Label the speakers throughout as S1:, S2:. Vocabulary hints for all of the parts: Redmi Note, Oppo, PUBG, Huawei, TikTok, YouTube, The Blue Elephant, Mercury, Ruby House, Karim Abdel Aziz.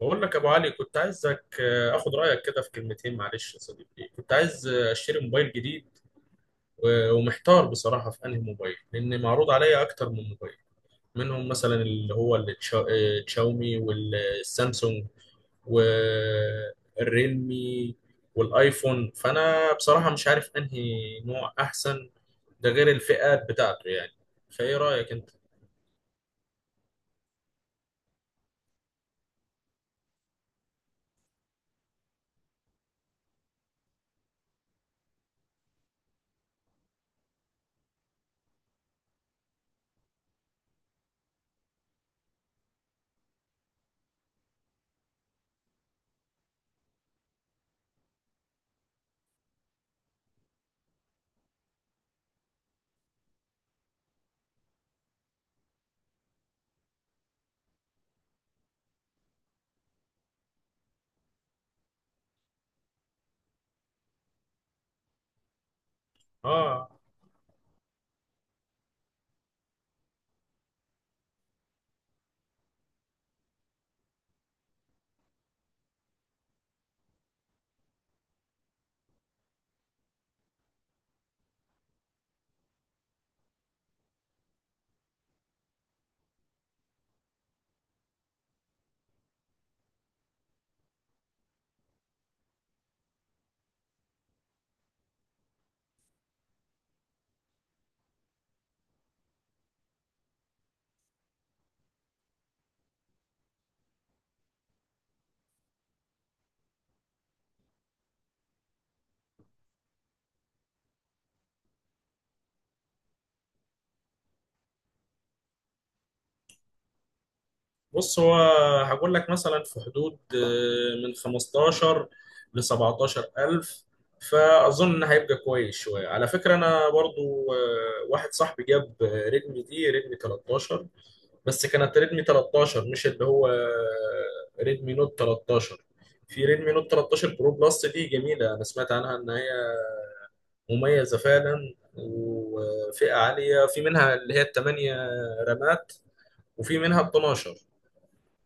S1: بقول لك يا ابو علي، كنت عايزك اخد رايك كده في كلمتين. معلش يا صديقي، كنت عايز اشتري موبايل جديد، و- ومحتار بصراحه في انهي موبايل، لان معروض عليا اكتر من موبايل. منهم مثلا اللي هو الشاومي والسامسونج والريلمي والايفون. فانا بصراحه مش عارف انهي نوع احسن، ده غير الفئات بتاعته يعني. فايه رايك انت؟ اه. بص، هو هقول لك مثلا في حدود من 15 ل 17 ألف. فأظن إن هيبقى كويس شوية. على فكرة، أنا برضو واحد صاحبي جاب ريدمي، دي ريدمي 13. بس كانت ريدمي 13، مش اللي هو ريدمي نوت 13. في ريدمي نوت 13 برو بلس، دي جميلة. أنا سمعت عنها إن هي مميزة فعلا، وفئة عالية. في منها اللي هي الثمانية رامات، وفي منها ال 12.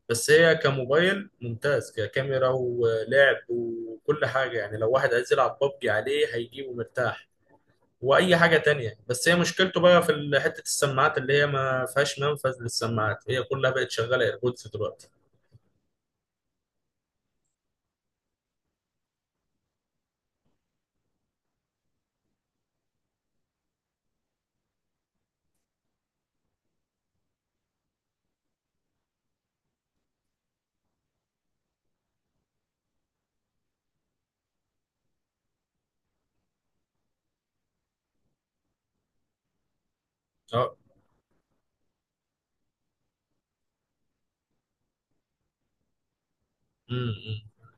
S1: بس هي كموبايل ممتاز، ككاميرا ولعب وكل حاجة يعني. لو واحد عايز يلعب ببجي عليه، هيجيبه مرتاح، وأي حاجة تانية. بس هي مشكلته بقى في حتة السماعات، اللي هي ما فيهاش منفذ للسماعات. هي كلها بقت شغالة ايربودز دلوقتي. اه. امم.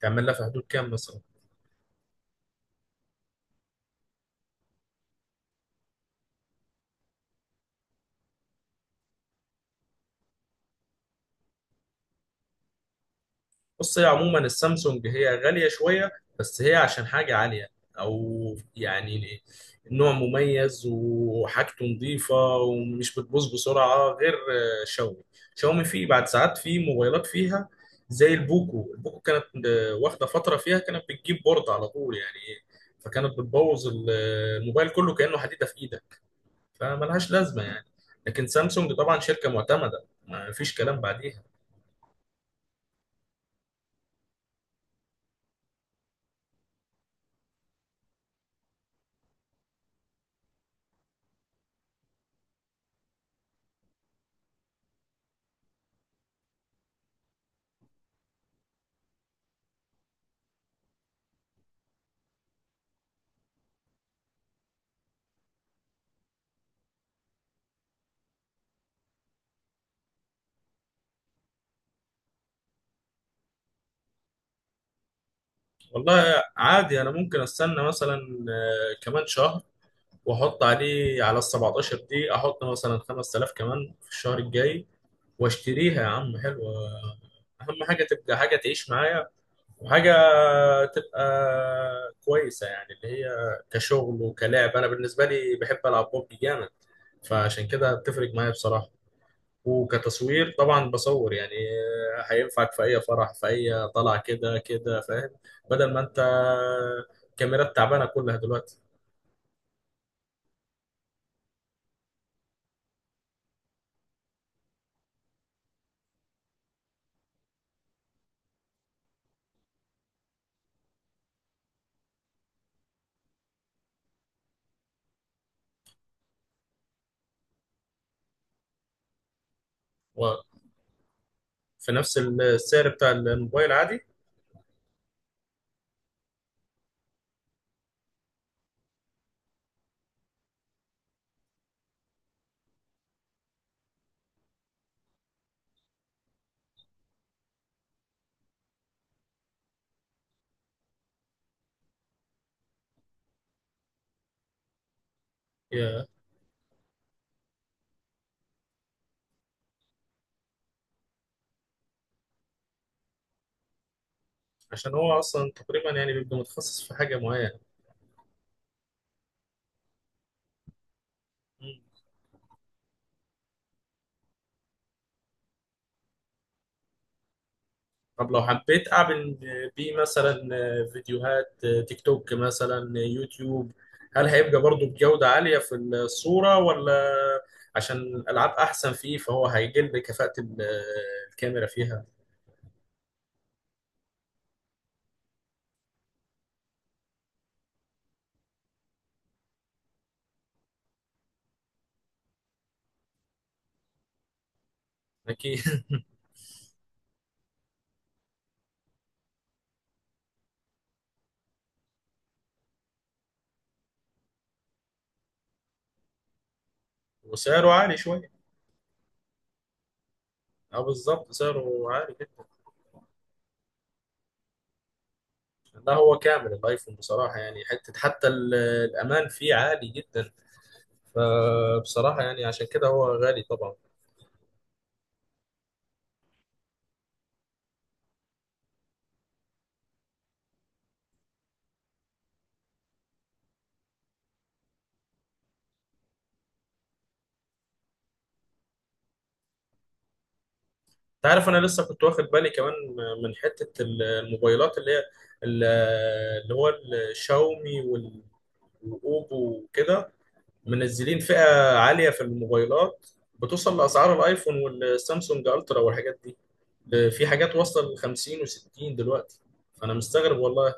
S1: تعمل لها في حدود كام مثلا؟ بص، هي عموما السامسونج هي غالية شوية. بس هي عشان حاجة عالية، أو يعني نوع مميز وحاجته نظيفة، ومش بتبوظ بسرعة غير شاومي. شاومي فيه بعد ساعات، فيه موبايلات فيها زي البوكو. البوكو كانت واخدة فترة فيها كانت بتجيب بورد على طول يعني. فكانت بتبوظ الموبايل كله، كأنه حديدة في إيدك. فملهاش لازمة يعني. لكن سامسونج طبعا شركة معتمدة، ما فيش كلام بعديها. والله عادي، انا ممكن استنى مثلا كمان شهر، واحط عليه على ال 17 دي، احط مثلا 5000 كمان في الشهر الجاي، واشتريها يا عم. حلوه. اهم حاجه تبقى حاجه تعيش معايا، وحاجه تبقى كويسه، يعني اللي هي كشغل وكلاعب. انا بالنسبه لي بحب العب ببجي جامد، فعشان كده بتفرق معايا بصراحه. وكتصوير طبعا بصور يعني. هينفعك في اي فرح، في اي طلعه، كده كده فاهم. بدل ما انت كاميرات تعبانه كلها دلوقتي. وفي نفس السعر بتاع الموبايل عادي. يا- عشان هو اصلا تقريبا يعني بيبقى متخصص في حاجه معينه. طب لو حبيت أعمل بيه مثلا فيديوهات تيك توك، مثلا يوتيوب، هل هيبقى برضو بجودة عالية في الصورة؟ ولا عشان الألعاب أحسن فيه، فهو هيقل كفاءة الكاميرا فيها؟ أكيد وسعره عالي شوية. اه بالظبط، سعره عالي جدا. لا، هو كامل الايفون بصراحة. يعني حتة، حتى الأمان فيه عالي جدا. فبصراحة يعني عشان كده هو غالي طبعا. انت عارف، انا لسه كنت واخد بالي كمان من حتة الموبايلات اللي هي ال- اللي هو الشاومي وال- والاوبو وكده، منزلين فئة عالية في الموبايلات، بتوصل لأسعار الايفون والسامسونج الترا والحاجات دي. ده في حاجات واصلة ل 50 و60 دلوقتي، فانا مستغرب والله.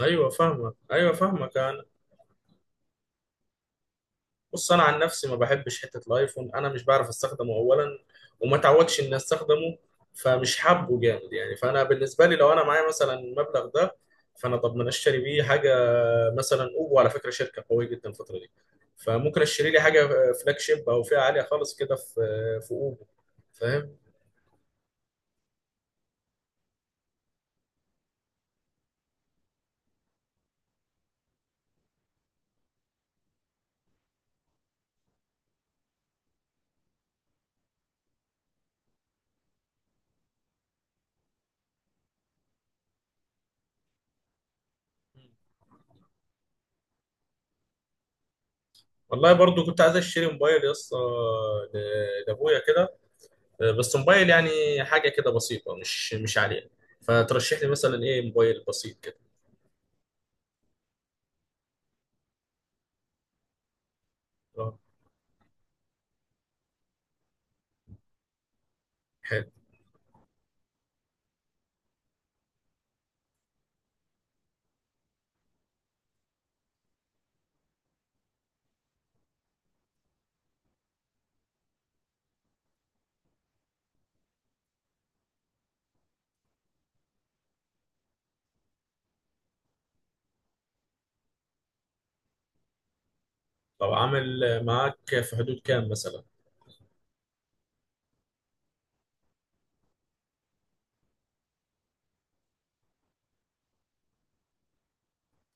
S1: ايوه فاهمك، ايوه فاهمك انا. بص، انا عن نفسي ما بحبش حته الايفون. انا مش بعرف استخدمه اولا، وما تعودش اني استخدمه، فمش حابه جامد يعني. فانا بالنسبه لي لو انا معايا مثلا المبلغ ده، فانا طب ما أنا اشتري بيه حاجه. مثلا اوبو، على فكره شركه قويه جدا الفتره دي، فممكن اشتري لي حاجه فلاج شيب او فئه عاليه خالص كده في اوبو فاهم. والله برضو كنت عايز اشتري موبايل يا اسطى، لابويا كده. بس موبايل يعني حاجه كده بسيطه، مش عاليه. فترشح لي مثلا ايه موبايل بسيط كده؟ اه. طب عامل معاك في حدود كام مثلا؟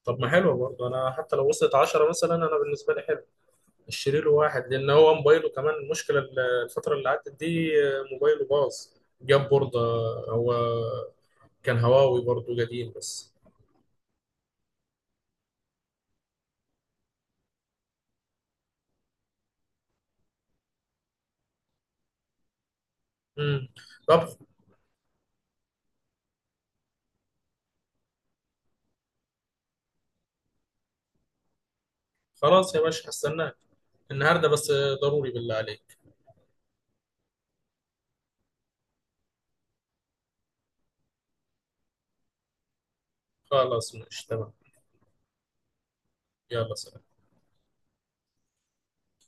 S1: طب ما حلو برضه، انا حتى لو وصلت 10 مثلا انا بالنسبه لي حلو. اشتري له واحد، لان هو موبايله كمان المشكله الفتره اللي عدت دي موبايله باظ، جاب بورده. هو كان هواوي برضه قديم بس. امم. طب خلاص يا باشا، هستناك النهارده بس، ضروري بالله عليك. خلاص ماشي تمام. يلا سلام.